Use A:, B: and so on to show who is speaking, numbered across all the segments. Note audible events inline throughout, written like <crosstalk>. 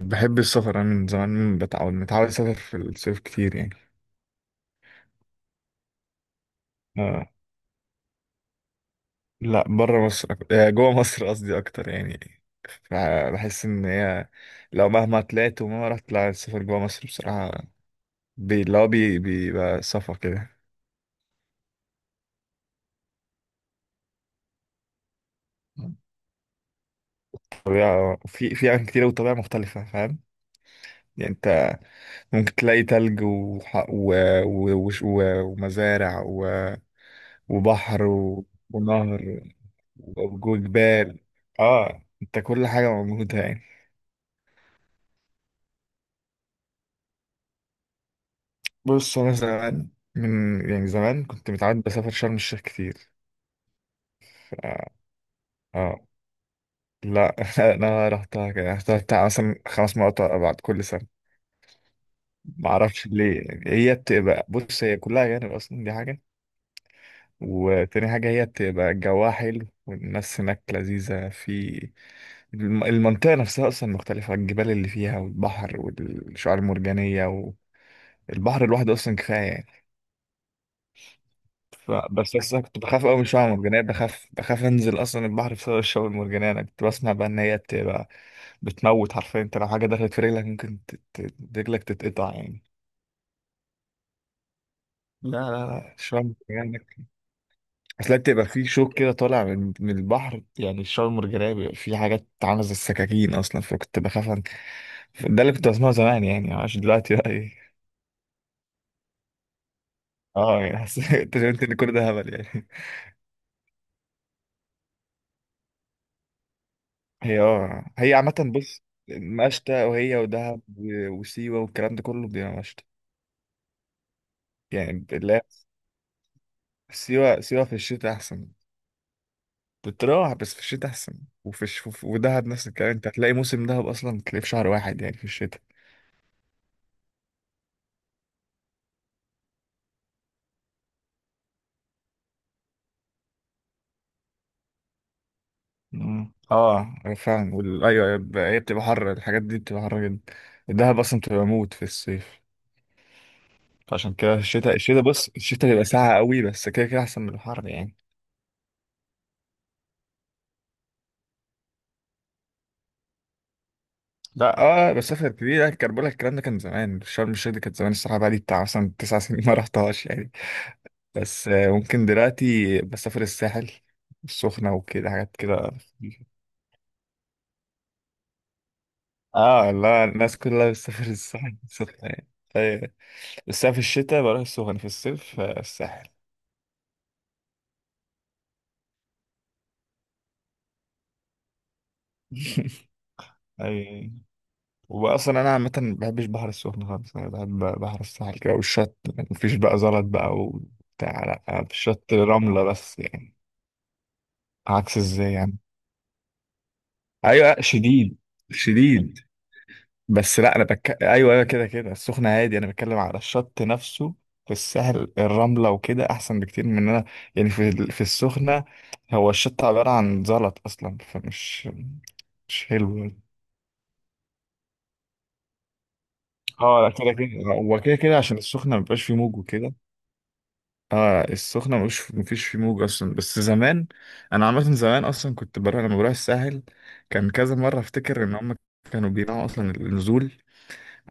A: بحب السفر انا من زمان متعود اسافر في الصيف كتير يعني. آه. لا بره مصر جوه مصر قصدي اكتر يعني. بحس ان هي لو مهما طلعت ومهما رحت لا السفر جوه مصر بصراحة بي... اللي هو بي... بيبقى صفا كده. طبيعة في أماكن كتير وطبيعة مختلفة فاهم. يعني انت ممكن تلاقي تلج وح... و... و... و... و... ومزارع وبحر ونهر وجبال. اه انت كل حاجة موجودة يعني. بص انا زمان، من يعني زمان كنت متعود بسافر شرم الشيخ كتير ف... اه لا <laughs> انا رحتها كده يعني، رحتها بتاع مثلا 5 مرات بعد كل سنة. ما اعرفش ليه يعني، هي بتبقى بص هي كلها أجانب اصلا، دي حاجة. وتاني حاجة هي بتبقى جواها حلو والناس هناك لذيذة في المنطقة نفسها، أصلا مختلفة، الجبال اللي فيها والبحر والشعاب المرجانية. والبحر لوحده أصلا كفاية يعني. بس انا كنت بخاف قوي من الشعاب المرجانيه، بخاف انزل اصلا البحر بسبب الشعاب المرجانيه. انا كنت بسمع بقى ان هي بتبقى بتموت حرفيا. انت لو حاجه دخلت في رجلك ممكن رجلك تتقطع يعني. لا لا لا. الشعاب المرجانيه. اصل هي بتبقى في شوك كده طالع من البحر. يعني الشعاب المرجانيه بيبقى في حاجات عامله زي السكاكين اصلا، ده اللي كنت بسمعه زمان يعني، عشان دلوقتي بقى ايه. اه يعني حسيت <laughs> اكتشفت ان كل ده هبل يعني. هي عامة بص، مشتى وهي ودهب وسيوة والكلام ده كله بيبقى مشتى. يعني لا، سيوة سيوة في الشتاء أحسن. بتروح بس في الشتاء أحسن. ودهب نفس الكلام. أنت هتلاقي موسم دهب أصلا تلاقيه في شهر واحد يعني، في الشتاء. مم. اه فاهم أيوه أيوة، هي بتبقى حر. الحاجات دي بتبقى حر جدا. الدهب أصلا بتبقى موت في الصيف. فعشان كده الشتاء بيبقى ساقع قوي. بس كده كده أحسن من الحر يعني. لا اه مسافة قد ايه. لا الكربلة، الكلام ده كان زمان. شرم الشيخ دي كانت زمان الصراحة، بقالي بتاع مثلا 9 سنين ما رحتهاش يعني. بس ممكن دلوقتي بسافر الساحل السخنة وكده حاجات كده. اه لا، الناس كلها بتسافر الساحل السخنة يعني. أيوة. بس أنا في الشتاء بروح السخنة، في الصيف الساحل. <laughs> أي. وأصلا أنا عامة ما بحبش بحر السخنة خالص. أنا بحب بحر الساحل كده والشط. مفيش بقى زلط بقى وبتاع، لا في الشط رملة بس يعني. عكس ازاي يعني؟ ايوه شديد شديد. بس لا انا ايوه ايوه، كده كده. السخنه هادي، انا بتكلم على الشط نفسه. في السهل الرمله وكده احسن بكتير من إن انا يعني في السخنه. هو الشط عباره عن زلط اصلا، فمش مش حلو يعني. اه لا كده كده، هو كده كده عشان السخنه مبيبقاش فيه موج وكده. اه السخنه مش مفيش فيه موج اصلا. بس زمان، انا عامه زمان اصلا كنت بروح، لما بروح الساحل كان كذا مره افتكر ان هم كانوا بيمنعوا اصلا النزول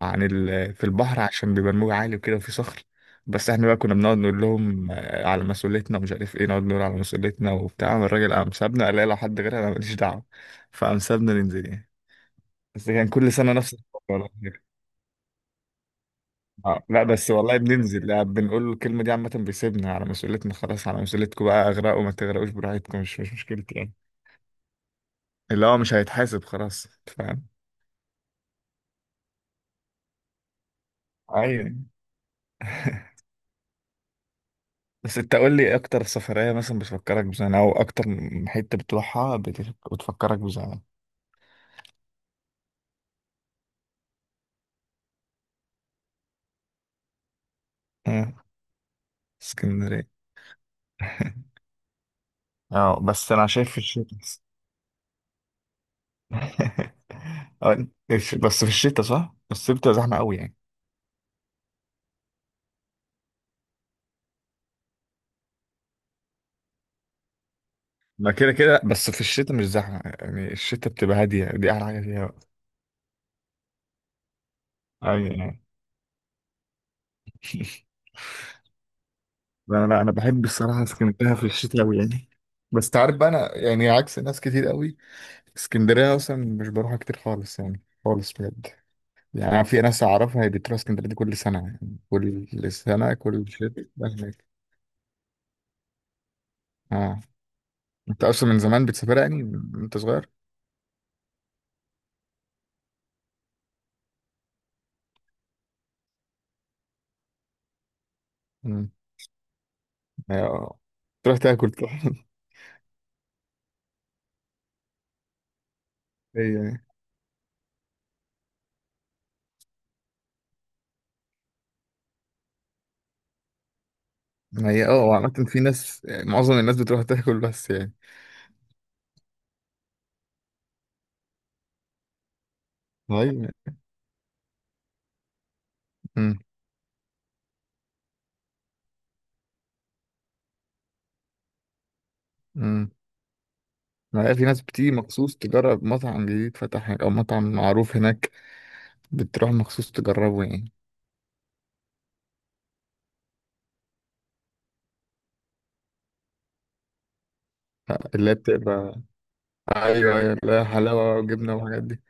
A: في البحر، عشان بيبقى الموج عالي وكده وفي صخر. بس احنا بقى كنا بنقعد نقول لهم على مسؤوليتنا ومش عارف ايه. نقعد نقول على مسؤوليتنا وبتاع، قام الراجل قام سابنا، قال لي لو حد غيرها انا ماليش دعوه. فقام سابنا ننزل يعني. بس كان كل سنه نفس الحوار والله. لا بس والله بننزل، بنقول له الكلمه دي عامه، بيسيبنا على مسؤوليتنا. خلاص على مسؤوليتكم بقى، اغرقوا ما تغرقوش براحتكم، مش مشكلتي يعني. اللي هو مش هيتحاسب خلاص، أنت فاهم. ايوه، بس انت قول لي اكتر سفرية مثلا بتفكرك بزمان، او اكتر حتة بتروحها بتفكرك بزمان. اه اسكندرية. <laughs> اه بس انا شايف في الشتاء بس. <laughs> بس في الشتاء صح. بس الصيف بتبقى زحمة قوي يعني. ما كده كده، بس في الشتاء مش زحمة يعني. الشتاء بتبقى هادية، دي احلى حاجة فيها بقى. ايوه يعني. <laughs> انا لا انا بحب الصراحة اسكندرية في الشتاء قوي يعني. بس تعرف بقى انا يعني عكس ناس كتير قوي. اسكندرية اصلا مش بروحها كتير خالص يعني، خالص بجد. يعني أنا في ناس أعرفها، هي بتروح اسكندرية دي كل سنة، يعني كل سنة كل شتاء بقى هناك. آه. أنت أصلا من زمان بتسافرها يعني، أنت صغير؟ مم. هي آه. تروح تاكل طبعا. <laughs> هي يعني. ما هي وعامة في ناس يعني، معظم الناس بتروح تاكل بس يعني. طيب يعني، مم. مم. ما هي في ناس بتيجي مخصوص تجرب مطعم جديد فتح هناك، أو مطعم معروف هناك، بتروح مخصوص تجربه يعني. اللي هي بتبقى، أيوه أيوه، لا حلاوة وجبنة وحاجات دي.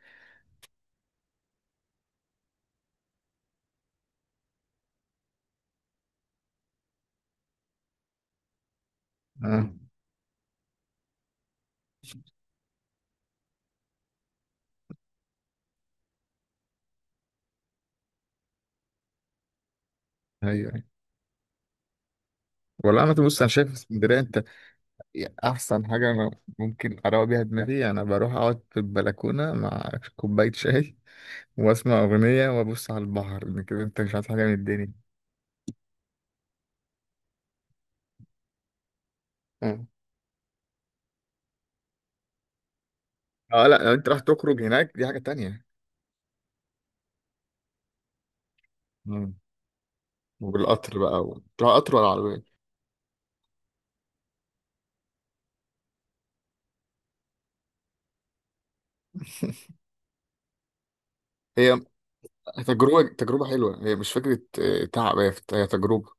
A: آه. أيوه. والله عامة بص، أنا شايف اسكندرية أنت أحسن حاجة. أنا ممكن أروق بيها دماغي، أنا بروح أقعد في البلكونة مع كوباية شاي وأسمع أغنية وأبص على البحر، إن كده أنت مش عايز حاجة من الدنيا. مم. أه لأ، لو أنت راح تخرج هناك دي حاجة تانية. مم. وبالقطر بقى تروح قطر ولا عربية؟ <laughs> هي تجربة تجربة حلوة. هي مش فكرة تعب، هي هي تجربة.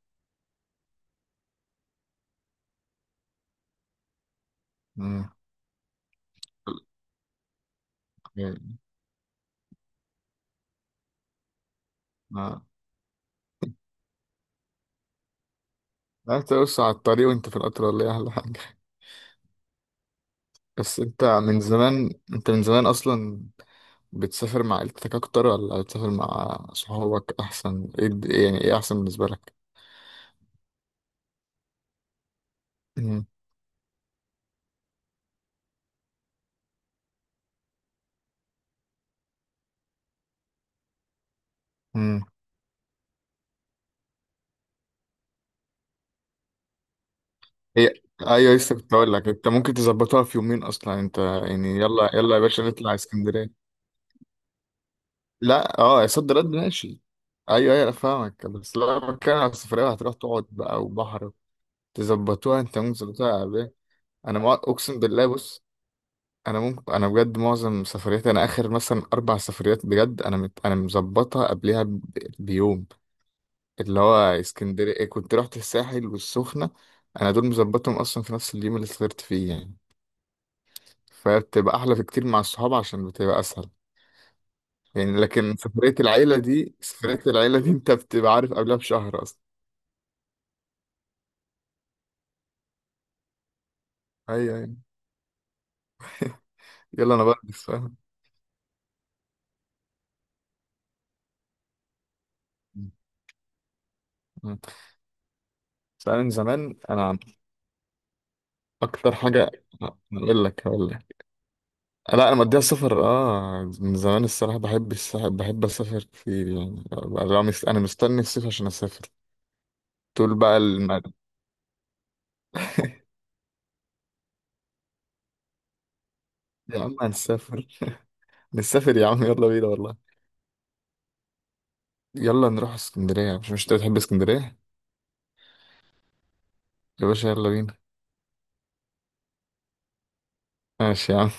A: مم. يعني ما لا، تقص على الطريق وانت في القطر، ولا ايه احلى حاجه؟ بس انت من زمان انت من زمان اصلا بتسافر مع عيلتك اكتر ولا بتسافر مع صحابك احسن؟ ايه يعني، ايه احسن بالنسبه لك؟ امم امم هي ايوه، لسه كنت هقول لك انت ممكن تظبطها في يومين اصلا. انت يعني، يلا يلا يا باشا نطلع اسكندريه. لا اه، يا صد رد ماشي. ايوه ايوه أنا فاهمك، بس لا بتكلم على السفريه، هتروح تقعد بقى وبحر. تظبطوها، انت ممكن تظبطها على إيه؟ انا اقسم بالله بص. انا بجد معظم سفرياتي، انا اخر مثلا 4 سفريات بجد انا انا مظبطها قبلها بيوم. اللي هو اسكندرية كنت رحت الساحل والسخنة، أنا دول مظبطهم أصلا في نفس اليوم اللي سافرت فيه يعني. فبتبقى أحلى في كتير مع الصحاب عشان بتبقى أسهل. يعني لكن سفرية العيلة دي أنت بتبقى عارف قبلها بشهر أصلا. أيوه أيوه. يلا أنا بلبس فاهم. سألني زمان أنا عن أكتر حاجة، أقول لك هقول لك. لا أنا مضيع سفر من زمان الصراحة. بحب السفر، بحب أسافر كتير يعني. أنا مستني الصيف عشان أسافر. طول بقى يا عم هنسافر. نسافر يا عم، يلا بينا والله. يلا نروح اسكندرية، مش انت بتحب اسكندرية؟ يا باشا يلا بينا. ماشي يا عم.